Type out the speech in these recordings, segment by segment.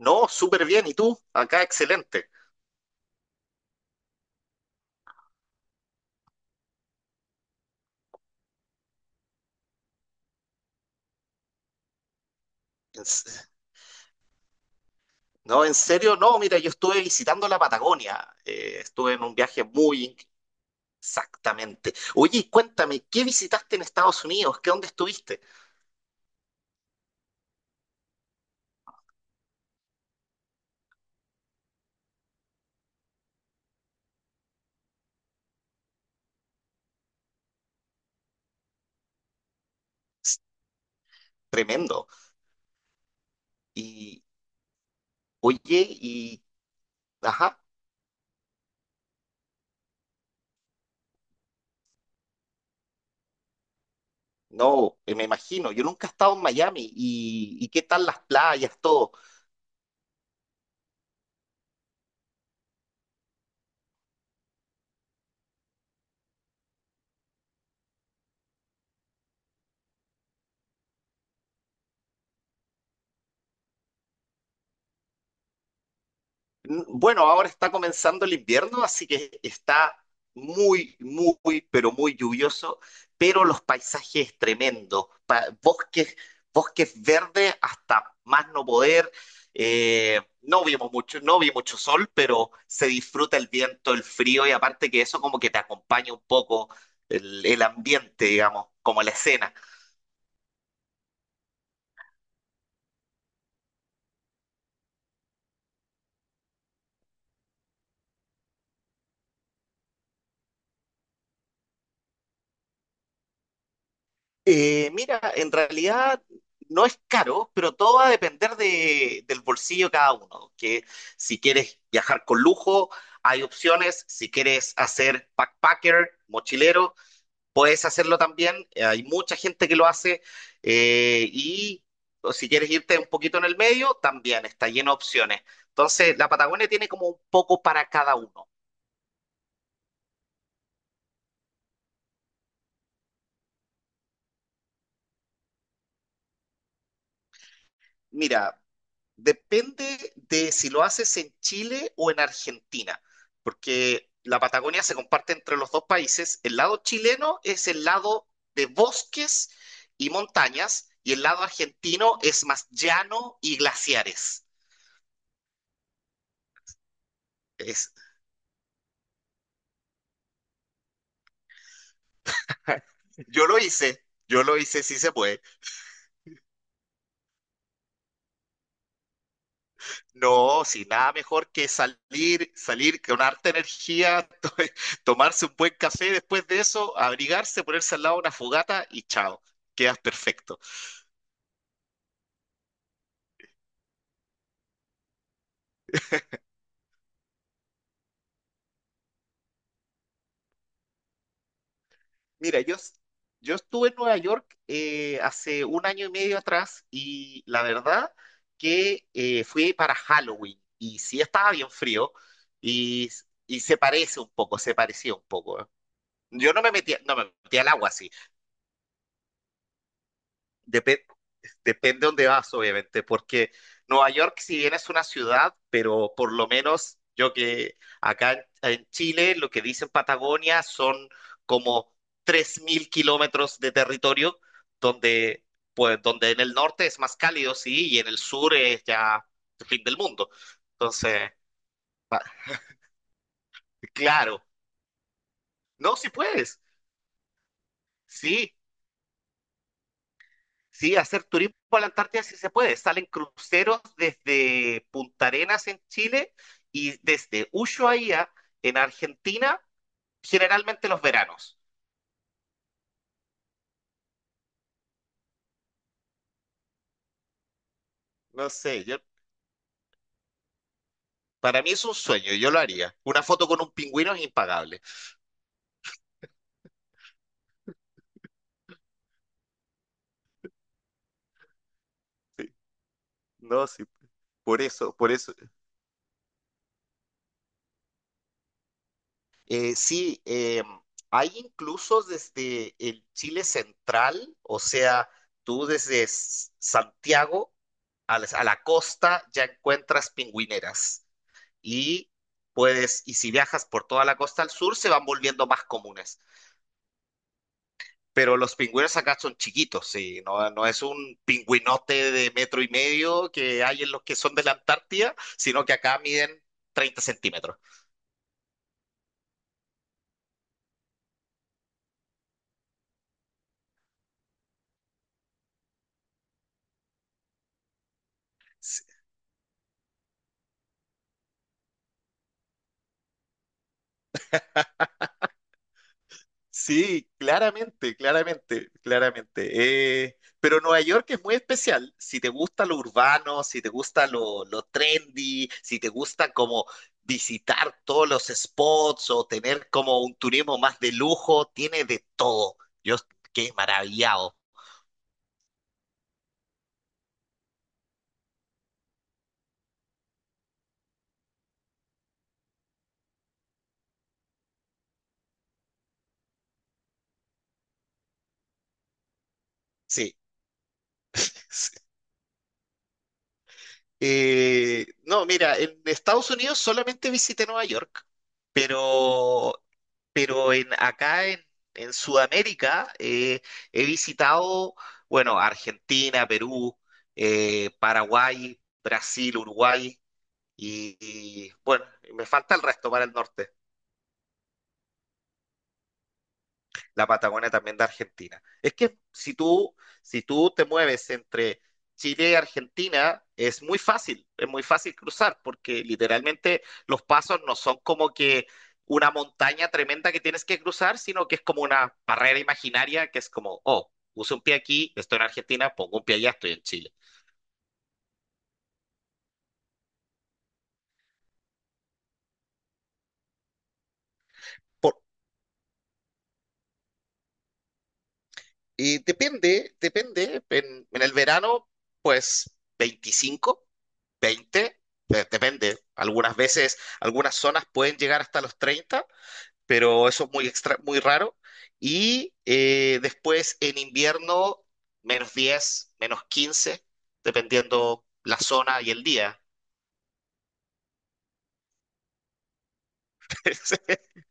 No, súper bien. ¿Y tú? Acá, excelente. En s- No, en serio, no. Mira, yo estuve visitando la Patagonia. Estuve en un viaje muy. Exactamente. Oye, y cuéntame, ¿qué visitaste en Estados Unidos? ¿Qué dónde estuviste? S- Tremendo. Y, oye, y... Ajá, no, me imagino. Yo nunca he estado en Miami. ¿Y qué tal las playas, todo? Bueno, ahora está comenzando el invierno, así que está muy, muy, pero muy lluvioso, pero los paisajes tremendos, bosques, bosques verdes hasta más no poder. No vimos mucho, no vi mucho sol, pero se disfruta el viento, el frío y aparte que eso como que te acompaña un poco el ambiente, digamos, como la escena. Mira, en realidad no es caro, pero todo va a depender del bolsillo de cada uno. Que si quieres viajar con lujo, hay opciones. Si quieres hacer backpacker, mochilero, puedes hacerlo también. Hay mucha gente que lo hace. Y o si quieres irte un poquito en el medio, también está lleno de opciones. Entonces, la Patagonia tiene como un poco para cada uno. Mira, depende de si lo haces en Chile o en Argentina, porque la Patagonia se comparte entre los dos países. El lado chileno es el lado de bosques y montañas, y el lado argentino es más llano y glaciares. Es, yo lo hice, yo lo hice, sí se puede. No, si nada mejor que salir, salir con harta energía, tomarse un buen café después de eso, abrigarse, ponerse al lado de una fogata y chao, quedas perfecto. Mira, yo estuve en Nueva York hace un año y medio atrás y la verdad que fui para Halloween y sí estaba bien frío y, y se parece un poco, se parecía un poco. ¿Eh? Yo no me metía, no me metía al agua, sí. Depende, depende dónde vas, obviamente, porque Nueva York, si bien es una ciudad, pero por lo menos yo que acá en Chile, lo que dicen Patagonia son como 3.000 kilómetros de territorio, donde, pues, donde en el norte es más cálido, sí, y en el sur es ya el fin del mundo. Entonces, claro, no, si puedes, sí. Sí, hacer turismo a la Antártida sí se puede. Salen cruceros desde Punta Arenas en Chile y desde Ushuaia en Argentina, generalmente los veranos. No sé, yo, para mí es un sueño, yo lo haría. Una foto con un pingüino es impagable. Sí, no, sí, por eso, por eso. Sí, hay incluso desde el Chile central, o sea, tú desde Santiago a la costa ya encuentras pingüineras. Y puedes, y si viajas por toda la costa al sur, se van volviendo más comunes. Pero los pingüinos acá son chiquitos, sí, no, no es un pingüinote de metro y medio que hay en los que son de la Antártida, sino que acá miden 30 centímetros. Sí, claramente, claramente, claramente. Pero Nueva York es muy especial. Si te gusta lo urbano, si te gusta lo trendy, si te gusta como visitar todos los spots o tener como un turismo más de lujo, tiene de todo. Yo quedé maravillado. Sí. No, mira, en Estados Unidos solamente visité Nueva York, pero, pero acá en Sudamérica he visitado, bueno, Argentina, Perú, Paraguay, Brasil, Uruguay y, bueno, me falta el resto para el norte. La Patagonia también de Argentina. Es que si tú te mueves entre Chile y Argentina, es muy fácil cruzar, porque literalmente los pasos no son como que una montaña tremenda que tienes que cruzar, sino que es como una barrera imaginaria que es como, oh, uso un pie aquí, estoy en Argentina, pongo un pie allá, estoy en Chile. Por, Y depende, depende. En el verano, pues 25, 20, depende. Algunas veces, algunas zonas pueden llegar hasta los 30, pero eso es muy extra, muy raro. Y después en invierno, -10, -15, dependiendo la zona y el día.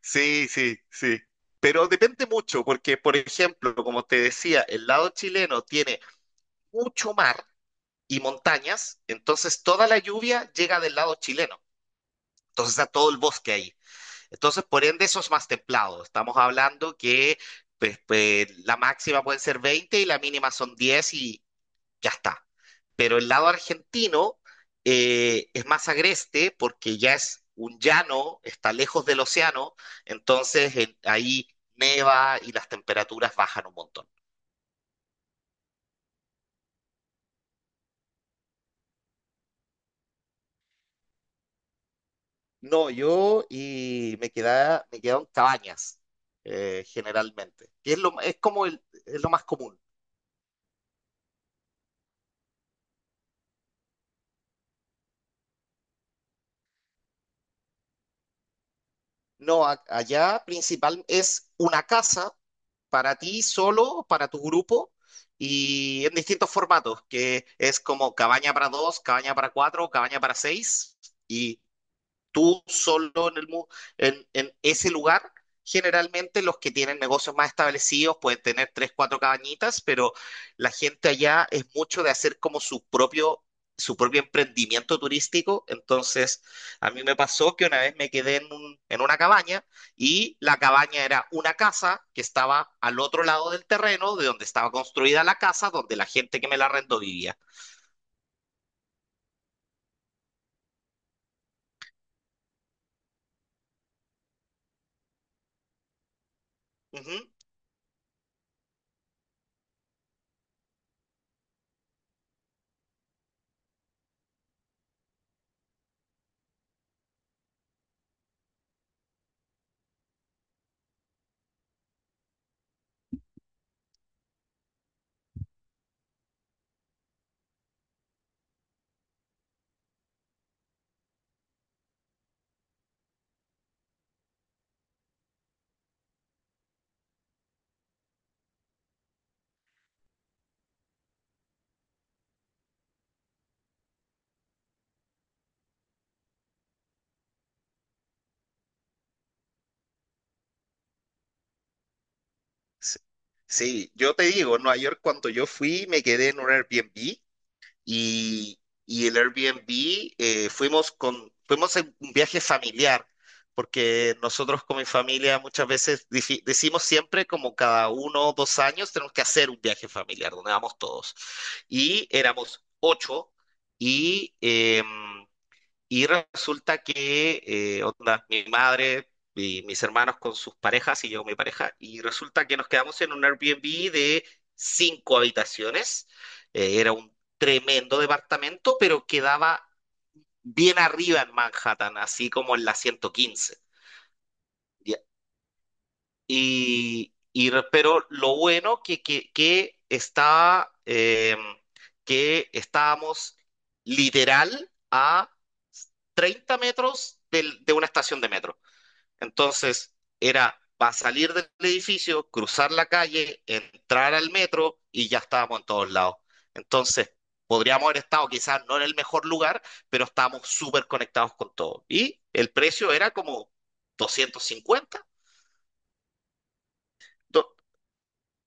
Sí, sí, sí. Pero depende mucho, porque, por ejemplo, como te decía, el lado chileno tiene mucho mar y montañas, entonces toda la lluvia llega del lado chileno. Entonces está todo el bosque ahí. Entonces, por ende, eso es más templado. Estamos hablando que pues, pues, la máxima puede ser 20 y la mínima son 10 y ya está. Pero el lado argentino es más agreste porque ya es un llano, está lejos del océano, entonces ahí neva y las temperaturas bajan un montón. No, yo me quedaron cabañas, generalmente, que es lo, es como el, es lo más común. No, allá principal es una casa para ti solo, para tu grupo, y en distintos formatos, que es como cabaña para dos, cabaña para cuatro, cabaña para seis, y tú solo en, el, mu- en ese lugar. Generalmente los que tienen negocios más establecidos pueden tener tres, cuatro cabañitas, pero la gente allá es mucho de hacer como su propio, emprendimiento turístico. Entonces, a mí me pasó que una vez me quedé en una cabaña y la cabaña era una casa que estaba al otro lado del terreno de donde estaba construida la casa, donde la gente que me la arrendó vivía. Sí, sí, yo te digo, en Nueva York cuando yo fui me quedé en un Airbnb y, y el Airbnb fuimos en un viaje familiar, porque nosotros con mi familia muchas veces decimos siempre como cada uno o dos años tenemos que hacer un viaje familiar, donde vamos todos. Y éramos ocho y... em, y resulta que, onda, mi madre y mis hermanos con sus parejas y yo con mi pareja, y resulta que nos quedamos en un Airbnb de cinco habitaciones. Era un tremendo departamento, pero quedaba bien arriba en Manhattan, así como en la 115. Pero lo bueno que estábamos literal a 30 metros de una estación de metro. Entonces, era para salir del edificio, cruzar la calle, entrar al metro y ya estábamos en todos lados. Entonces, podríamos haber estado quizás no en el mejor lugar, pero estábamos súper conectados con todo. Y el precio era como 250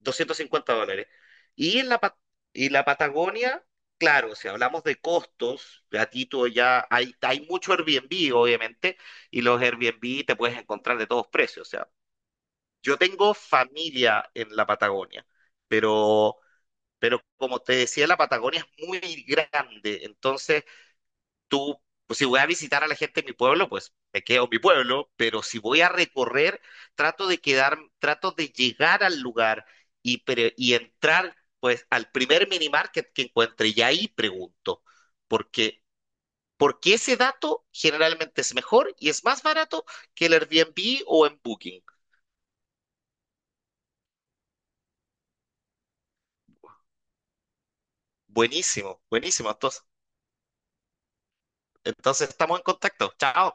$250. Y en la, Pa- y la Patagonia, claro, si hablamos de costos, a ti tú ya hay mucho Airbnb, obviamente, y los Airbnb te puedes encontrar de todos precios. O sea, yo tengo familia en la Patagonia, pero, pero como te decía, la Patagonia es muy grande, entonces tú, pues si voy a visitar a la gente en mi pueblo, pues me quedo en mi pueblo, pero si voy a recorrer, trato de quedar, trato de llegar al lugar y entrar, pues, al primer mini market que encuentre y ahí pregunto, porque, porque ese dato generalmente es mejor y es más barato que el Airbnb o en Booking. Buenísimo, buenísimo. Entonces, estamos en contacto. Chao.